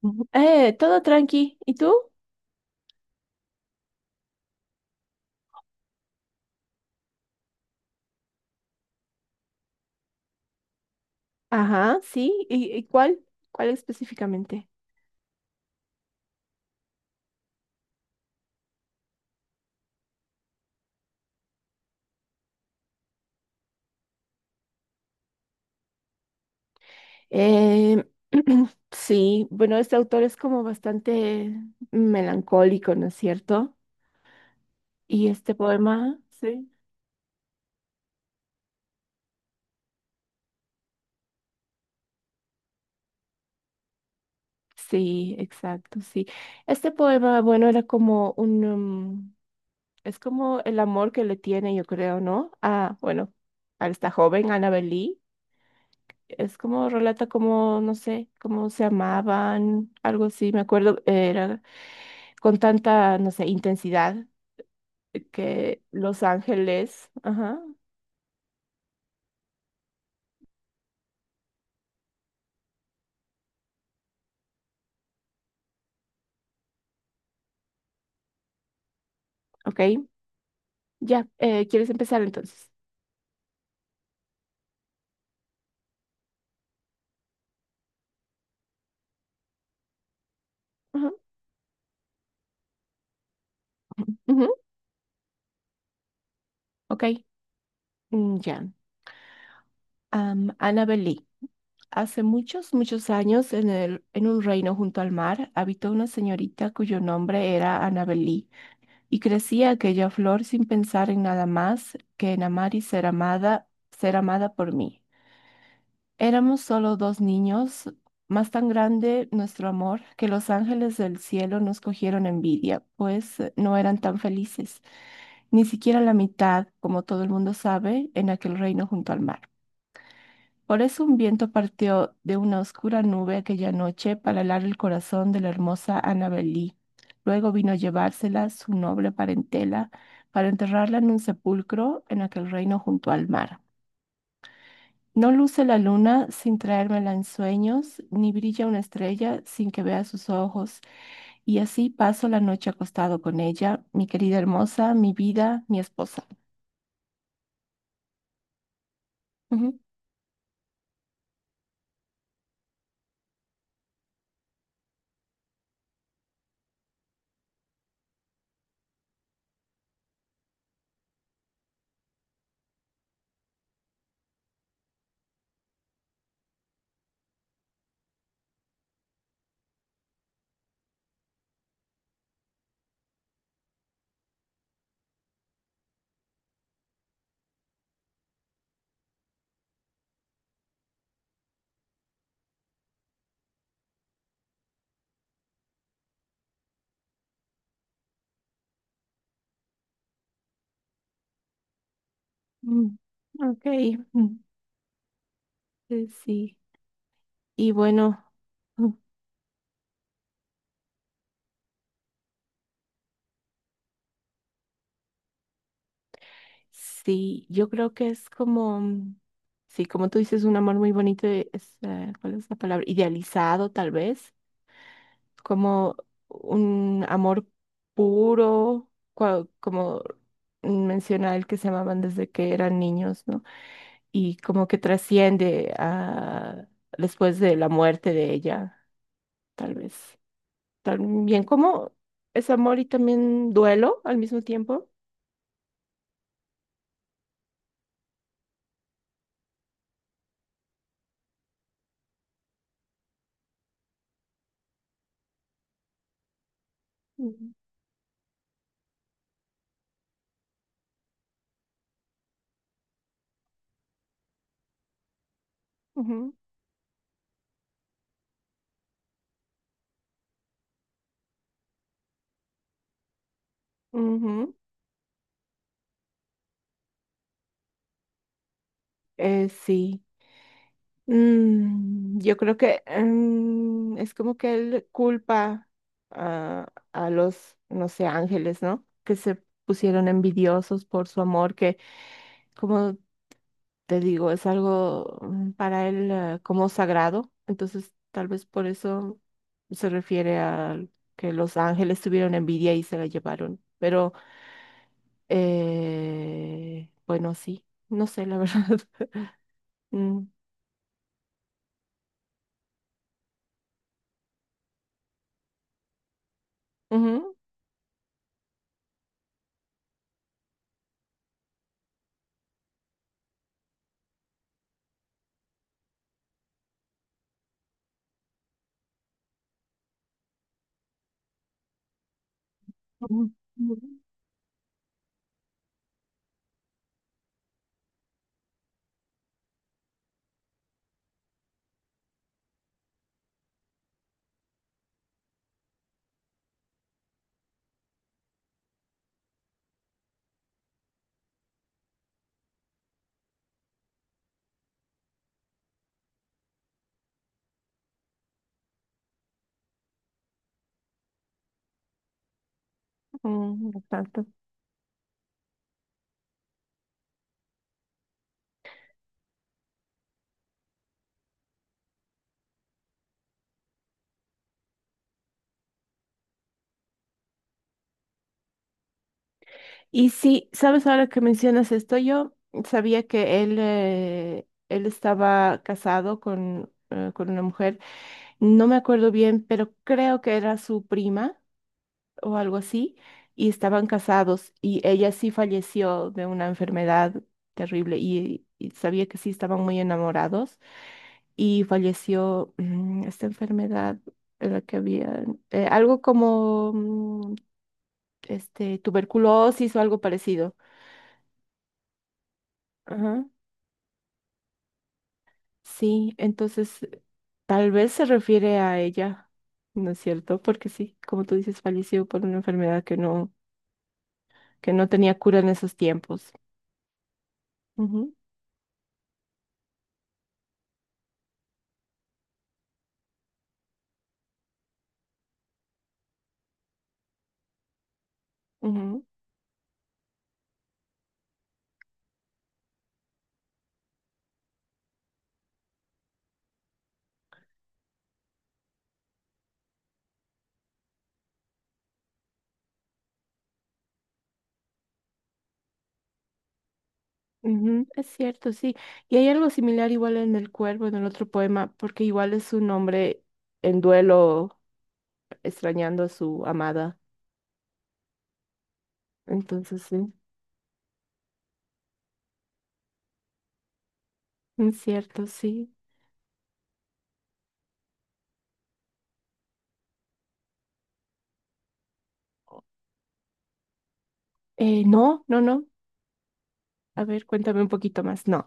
Ujú. Todo tranqui. ¿Y tú? Ajá, sí. ¿Y cuál? ¿Cuál específicamente? Eh, sí, bueno, este autor es como bastante melancólico, ¿no es cierto? Y este poema, sí. Sí, exacto, sí. Este poema, bueno, era como un, es como el amor que le tiene, yo creo, ¿no? Ah, bueno, a esta joven, Annabel Lee. Es como relata como, no sé, cómo se amaban, algo así, me acuerdo, era con tanta, no sé, intensidad que Los Ángeles. Ajá, ok, ya. ¿Quieres empezar entonces? Ajá, ujú, ok, ya. Annabel Lee. Hace muchos, muchos años, en un reino junto al mar, habitó una señorita cuyo nombre era Annabel Lee, y crecía aquella flor sin pensar en nada más que en amar y ser amada por mí. Éramos solo dos niños, más tan grande nuestro amor que los ángeles del cielo nos cogieron envidia, pues no eran tan felices, ni siquiera la mitad, como todo el mundo sabe, en aquel reino junto al mar. Por eso un viento partió de una oscura nube aquella noche para helar el corazón de la hermosa Annabel Lee. Luego vino a llevársela su noble parentela para enterrarla en un sepulcro en aquel reino junto al mar. No luce la luna sin traérmela en sueños, ni brilla una estrella sin que vea sus ojos. Y así paso la noche acostado con ella, mi querida hermosa, mi vida, mi esposa. Ujú. Mm. Ok. mm, sí. Y bueno, mm, sí, yo creo que es como, sí, como tú dices, un amor muy bonito, y es, ¿cuál es la palabra? Idealizado, tal vez. Como un amor puro, como menciona él que se amaban desde que eran niños, ¿no? Y como que trasciende a después de la muerte de ella, tal vez. También como es amor y también duelo al mismo tiempo. Ujú, ujú, ujú. Sí. Yo creo que es como que él culpa a los, no sé, ángeles, ¿no? Que se pusieron envidiosos por su amor, que, como te digo, es algo para él como sagrado. Entonces, tal vez por eso se refiere a que los ángeles tuvieron envidia y se la llevaron. Pero, bueno, sí, no sé, la verdad. Mm, ujú, Ujú. Ujú, ujú, exacto. Y sí, sabes, ahora que mencionas esto, yo sabía que él estaba casado con una mujer, no me acuerdo bien, pero creo que era su prima o algo así, y estaban casados y ella sí falleció de una enfermedad terrible y sabía que sí estaban muy enamorados y falleció esta enfermedad en la que había, algo como tuberculosis o algo parecido. Ajá, sí, entonces tal vez se refiere a ella, ¿no es cierto? Porque sí, como tú dices, falleció por una enfermedad que no tenía cura en esos tiempos. Ujú, ujú, ujú. Es cierto, sí. Y hay algo similar igual en El Cuervo, en el otro poema, porque igual es un hombre en duelo, extrañando a su amada. Entonces, sí, es cierto, sí. No, no, no. A ver, cuéntame un poquito más. No.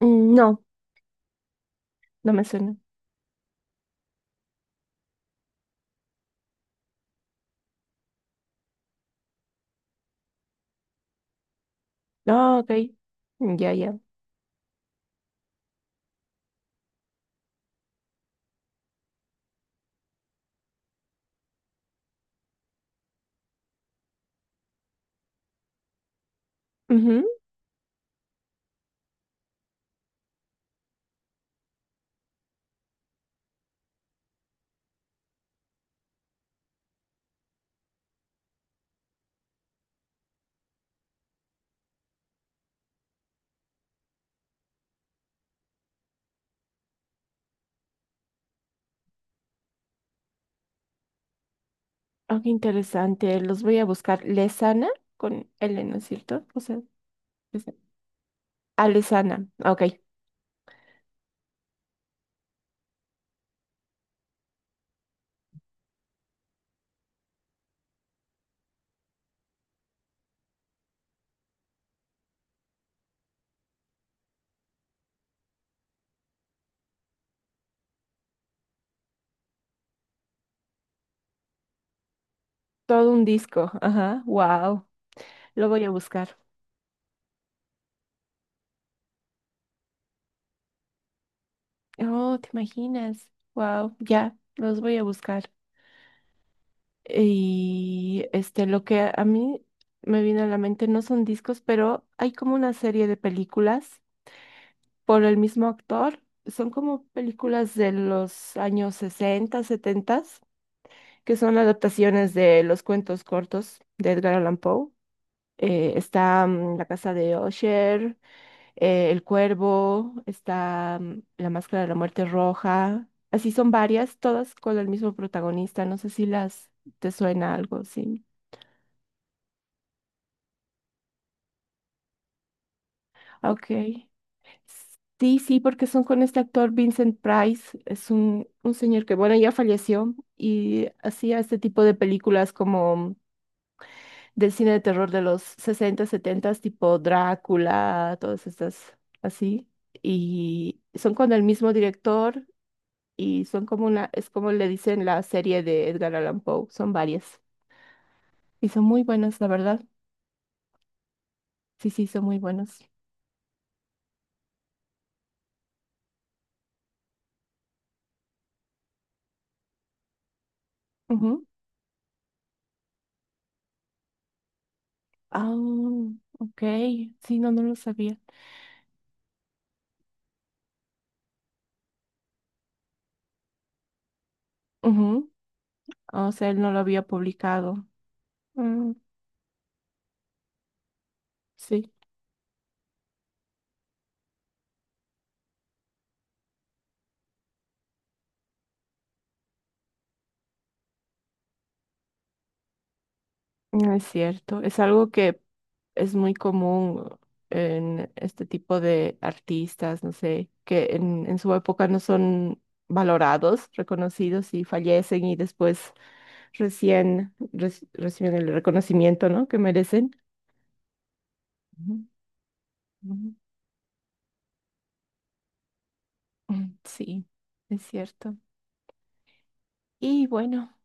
Mm, no, no me suena. Ah, ok. Ya, ya. Ujú. Ah, qué interesante. Los voy a buscar. Lesana con L, ¿no es cierto? O sea, es- ah, Lesana. Ok. Todo un disco. Ajá. Wow. Lo voy a buscar. Oh, ¿te imaginas? Wow. Ya, los voy a buscar. Y este, lo que a mí me vino a la mente no son discos, pero hay como una serie de películas por el mismo actor. Son como películas de los años 60, 70 que son adaptaciones de los cuentos cortos de Edgar Allan Poe. Está La Casa de Usher, El Cuervo, está La Máscara de la Muerte Roja. Así son varias, todas con el mismo protagonista. No sé si las te suena algo, sí. Ok. Sí, sí, porque son con este actor Vincent Price. Es un señor que, bueno, ya falleció y hacía este tipo de películas como del cine de terror de los 60 70, tipo Drácula, todas estas así. Y son con el mismo director y son como es como le dicen la serie de Edgar Allan Poe, son varias. Y son muy buenas, la verdad. Sí, sí, son muy buenas. Ujú. Ah, ok. Sí, no, no lo sabía. Ujú. O sea, él no lo había publicado. Mm, sí. No es cierto, es algo que es muy común en este tipo de artistas, no sé, en su época no son valorados, reconocidos y fallecen y después reciben el reconocimiento, ¿no? Que merecen. Ujú, ujú. Mm. Sí, es cierto. Y bueno,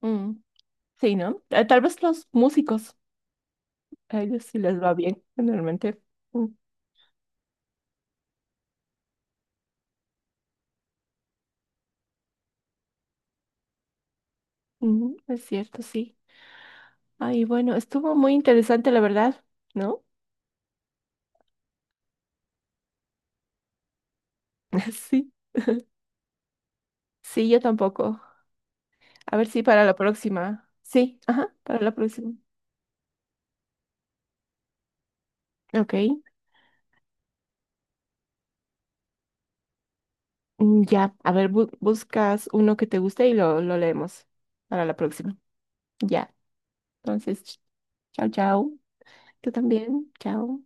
mm, sí, ¿no? Tal vez los músicos, a ellos sí les va bien, generalmente. Mm, mm, es cierto, sí. Ay, bueno, estuvo muy interesante, la verdad, ¿no? Sí, sí, yo tampoco. A ver si para la próxima. Sí, ajá, para la próxima. Ok, ya, a ver, buscas uno que te guste y lo leemos para la próxima. Ya, entonces, chao, chao. Tú también, chao.